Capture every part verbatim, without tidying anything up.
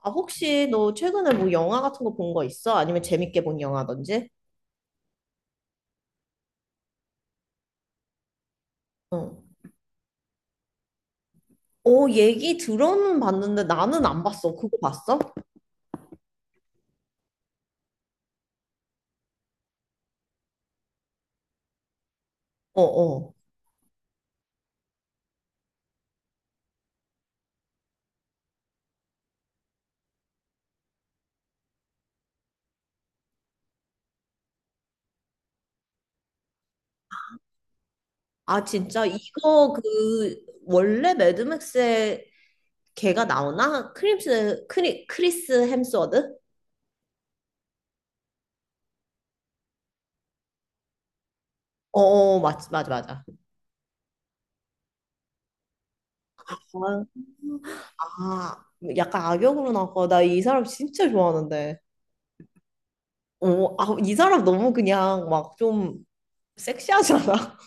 아, 혹시 너 최근에 뭐 영화 같은 거 본 거 있어? 아니면 재밌게 본 영화든지? 어. 어, 얘기 들어는 봤는데 나는 안 봤어. 그거 봤어? 어, 어. 아, 진짜? 이거 그, 원래 매드맥스에 걔가 나오나? 크림스, 크리, 크리스 햄스워드? 어, 어, 맞지, 맞아, 맞아. 아, 약간 악역으로 나왔고, 나 이 사람 진짜 좋아하는데. 어, 아, 이 사람 너무 그냥 막 좀 섹시하잖아.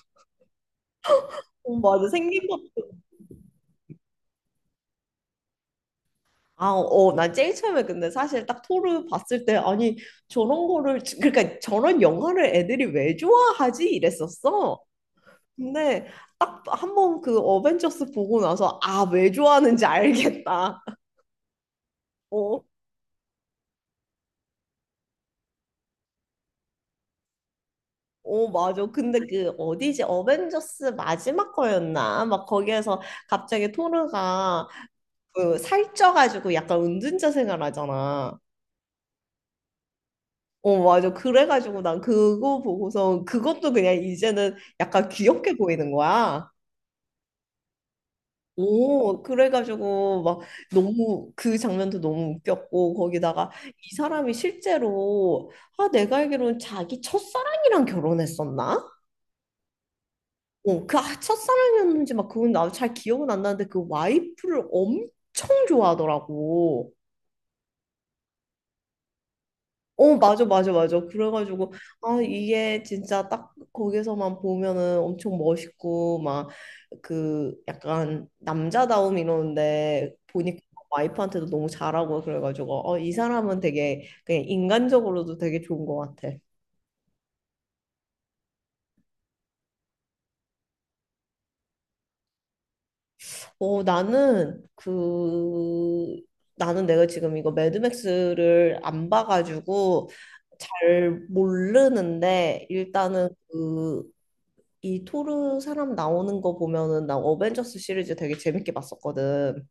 어, 맞아. 생긴 것 아, 어, 난 제일 처음에 근데 사실 딱 토르 봤을 때 아니 저런 거를 그러니까 저런 영화를 애들이 왜 좋아하지 이랬었어. 근데 딱 한번 그 어벤져스 보고 나서 아, 왜 좋아하는지 알겠다. 어, 어, 맞아. 근데 그 어디지? 어벤져스 마지막 거였나? 막 거기에서 갑자기 토르가 그 살쪄가지고 약간 은둔자 생활하잖아. 어, 맞아. 그래가지고 난 그거 보고서 그것도 그냥 이제는 약간 귀엽게 보이는 거야. 오, 그래가지고 막 너무 그 장면도 너무 웃겼고 거기다가 이 사람이 실제로 아 내가 알기로는 자기 첫사랑이랑 결혼했었나? 어, 그 아, 첫사랑이었는지 막 그건 나도 잘 기억은 안 나는데 그 와이프를 엄청 좋아하더라고. 어, 맞아, 맞아, 맞아. 그래가지고, 아, 이게 진짜 딱 거기서만 보면은 엄청 멋있고, 막, 그, 약간, 남자다움 이러는데, 보니까 와이프한테도 너무 잘하고, 그래가지고, 어, 이 사람은 되게, 그냥 인간적으로도 되게 좋은 것 같아. 어, 나는, 그, 나는 내가 지금 이거 매드맥스를 안 봐가지고, 잘 모르는데, 일단은 그, 이 토르 사람 나오는 거 보면은 나 어벤져스 시리즈 되게 재밌게 봤었거든.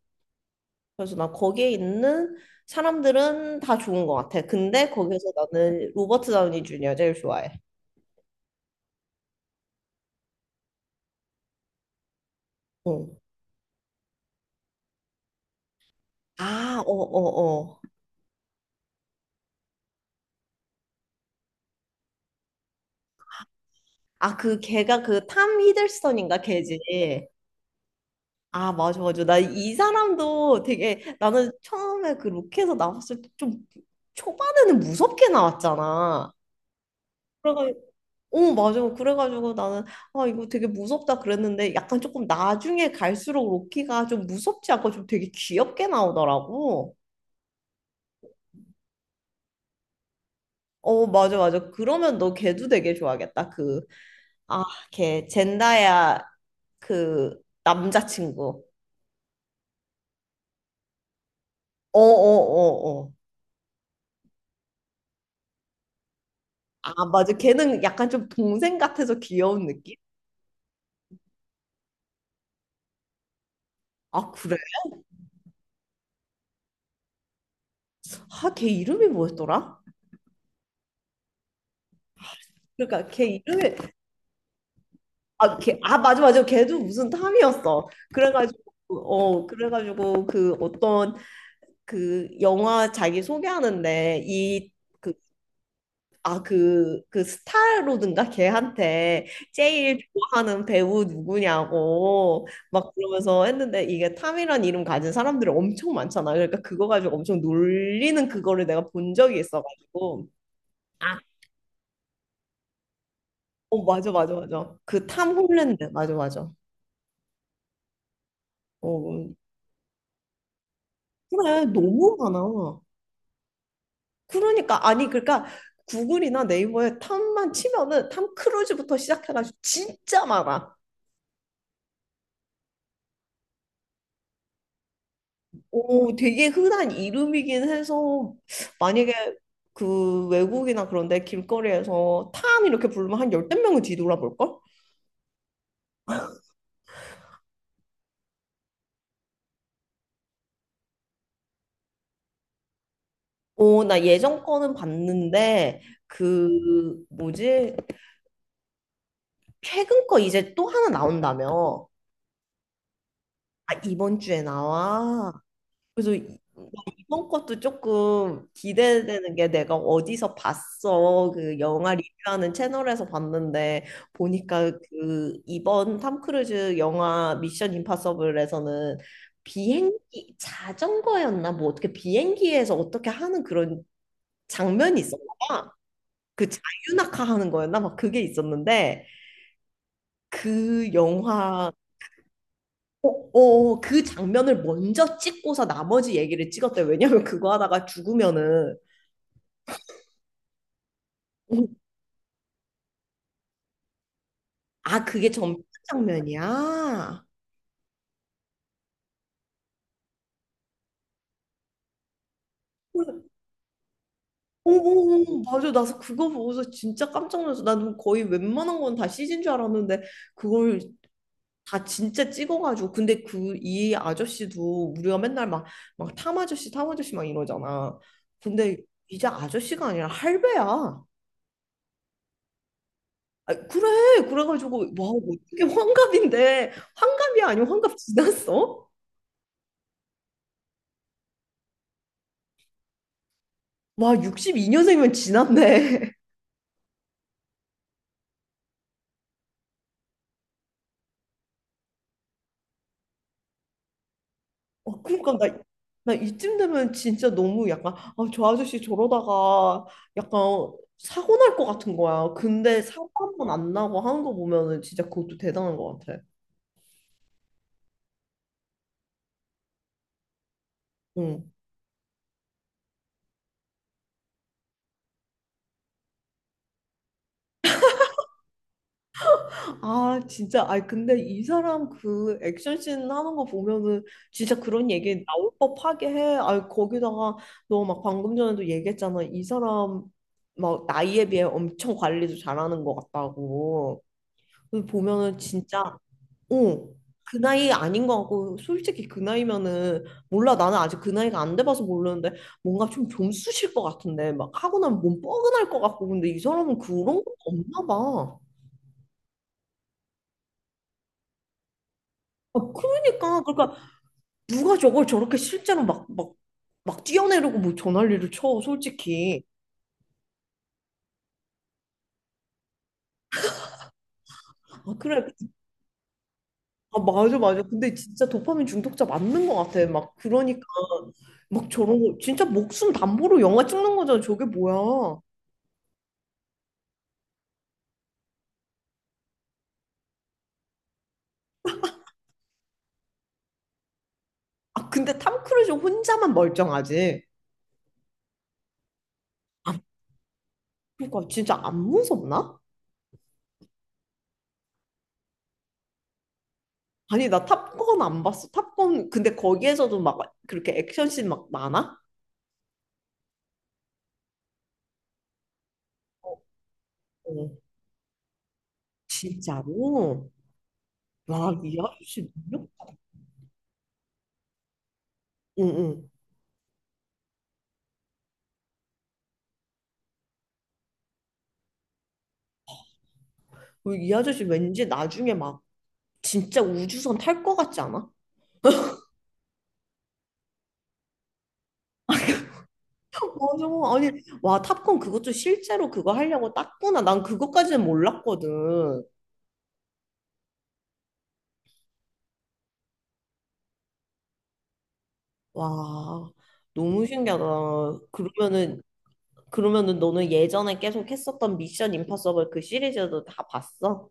그래서 나 거기에 있는 사람들은 다 좋은 것 같아. 근데 거기에서 나는 로버트 다우니 주니어 제일 좋아해. 어. 아, 어, 어, 어. 아, 그 걔가 그 탐 히들스턴인가 걔지. 아, 맞아, 맞아. 나 이 사람도 되게 나는 처음에 그 로켓에서 나왔을 때 좀 초반에는 무섭게 나왔잖아. 어, 맞아. 그래가지고 나는, 아, 이거 되게 무섭다 그랬는데, 약간 조금 나중에 갈수록 로키가 좀 무섭지 않고 좀 되게 귀엽게 나오더라고. 어, 맞아, 맞아. 그러면 너 걔도 되게 좋아하겠다. 그, 아, 걔, 젠다야, 그, 남자친구. 어, 어, 어, 어. 아, 맞아. 걔는 약간 좀 동생 같아서 귀여운 느낌? 아, 그래. 아, 걔 이름이 뭐였더라? 그러니까 걔 이름이, 아, 걔, 아, 맞아, 맞아. 걔도 무슨 탐이었어. 그래가지고, 어, 그래가지고, 그 어떤 그 영화 자기 소개하는데, 이, 그, 아, 그, 그 스타로든가 걔한테 제일 좋아하는 배우 누구냐고 막 그러면서 했는데, 이게 탐이란 이름 가진 사람들이 엄청 많잖아. 그러니까 그거 가지고 엄청 놀리는 그거를 내가 본 적이 있어가지고. 아. 어, 맞아, 맞아, 맞아. 그 탐 홀랜드. 맞아, 맞아. 어, 그래, 너무 많아. 그러니까 아니 그러니까 구글이나 네이버에 탐만 치면은 탐 크루즈부터 시작해가지고 진짜 많아. 오, 되게 흔한 이름이긴 해서 만약에 그 외국이나 그런데 길거리에서 탐 이렇게 부르면 한 열댓 명은 뒤돌아볼걸? 오, 나 예전 거는 봤는데 그 뭐지? 최근 거 이제 또 하나 나온다며. 아, 이번 주에 나와. 그래서 이- 이번 것도 조금 기대되는 게 내가 어디서 봤어. 그 영화 리뷰하는 채널에서 봤는데 보니까 그 이번 탐 크루즈 영화 미션 임파서블에서는 비행기 자전거였나 뭐 어떻게 비행기에서 어떻게 하는 그런 장면이 있었나 봐. 그 자유낙하 하는 거였나 막 그게 있었는데 그 영화 어, 어, 그 장면을 먼저 찍고서 나머지 얘기를 찍었대. 왜냐면 그거 하다가 죽으면은 오, 아, 그게 전심 장면이야? 오 맞아. 나서 그거 보고서 진짜 깜짝 놀랐어. 나는 거의 웬만한 건 다 씨지인 줄 알았는데 그걸 다 진짜 찍어가지고. 근데 그 이 아저씨도 우리가 맨날 막, 막 탐 아저씨, 탐 아저씨 막 이러잖아. 근데 이제 아저씨가 아니라 할배야. 아, 그래. 그래가지고 와 어떻게 환갑인데 환갑이 아니고 환갑 지났어? 와 육십이 년생이면 지났네. 어, 그러니까 나, 나 이쯤 되면 진짜 너무 약간 아, 저 아저씨 저러다가 약간 사고 날 것 같은 거야. 근데 사고 한번 안 나고 하는 거 보면은 진짜 그것도 대단한 것 같아. 응. 아 진짜 아 근데 이 사람 그 액션씬 하는 거 보면은 진짜 그런 얘기 나올 법하게 해. 아 거기다가 너 막 방금 전에도 얘기했잖아. 이 사람 막 나이에 비해 엄청 관리도 잘하는 것 같다고. 그래서 보면은 진짜 어, 그 나이 아닌 것 같고, 솔직히 그 나이면은, 몰라, 나는 아직 그 나이가 안 돼봐서 모르는데, 뭔가 좀 좀쑤실 것 같은데, 막 하고 나면 몸 뻐근할 것 같고, 근데 이 사람은 그런 거 없나 봐. 아, 그러니까, 그러니까, 누가 저걸 저렇게 실제로 막, 막, 막 뛰어내리고 뭐 전화리를 쳐, 솔직히. 아, 그래. 아, 맞아, 맞아. 근데 진짜 도파민 중독자 맞는 것 같아. 막, 그러니까, 막 저런 거, 진짜 목숨 담보로 영화 찍는 거잖아. 저게 뭐야. 아, 근데 탐 크루즈 혼자만 멀쩡하지. 아, 그러니까 진짜 안 무섭나? 아니, 나 탑건 안 봤어. 탑건, 근데 거기에서도 막 그렇게 액션씬 막 많아? 어, 진짜로? 와, 이 아저씨 능력? 응, 응. 이 아저씨 왠지 나중에 막 진짜 우주선 탈 것 같지 않아? 어, 맞아. 아니, 와, 탑건 그것도 실제로 그거 하려고 땄구나. 난 그것까지는 몰랐거든. 와, 너무 신기하다. 그러면은 그러면은 너는 예전에 계속 했었던 미션 임파서블 그 시리즈도 다 봤어?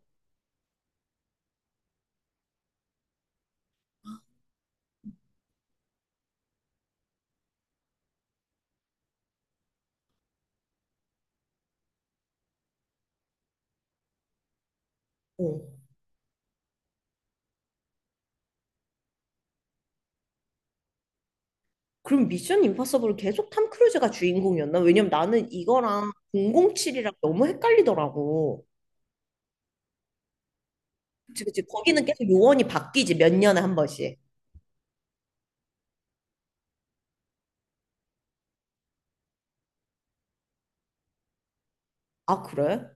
어. 그럼 미션 임파서블 계속 탐 크루즈가 주인공이었나? 왜냐면 나는 이거랑 공공칠이랑 너무 헷갈리더라고. 그치, 그치. 거기는 계속 요원이 바뀌지, 몇 년에 한 번씩. 아, 그래?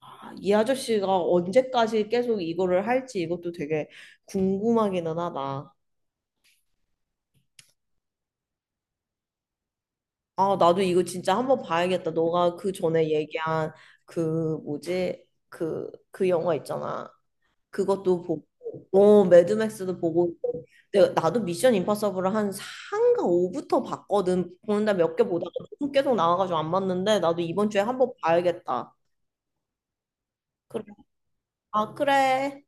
아, 이 아저씨가 언제까지 계속 이거를 할지 이것도 되게 궁금하기는 하다. 아, 나도 이거 진짜 한번 봐야겠다. 너가 그 전에 얘기한 그 뭐지? 그, 그 영화 있잖아. 그것도 보고, 어, 매드맥스도 보고, 내가, 나도 미션 임파서블을 한 사인가 오부터 봤거든. 보는데 몇 개 보다가 계속 나와가지고 안 봤는데, 나도 이번 주에 한번 봐야겠다. 그래. 아, 그래.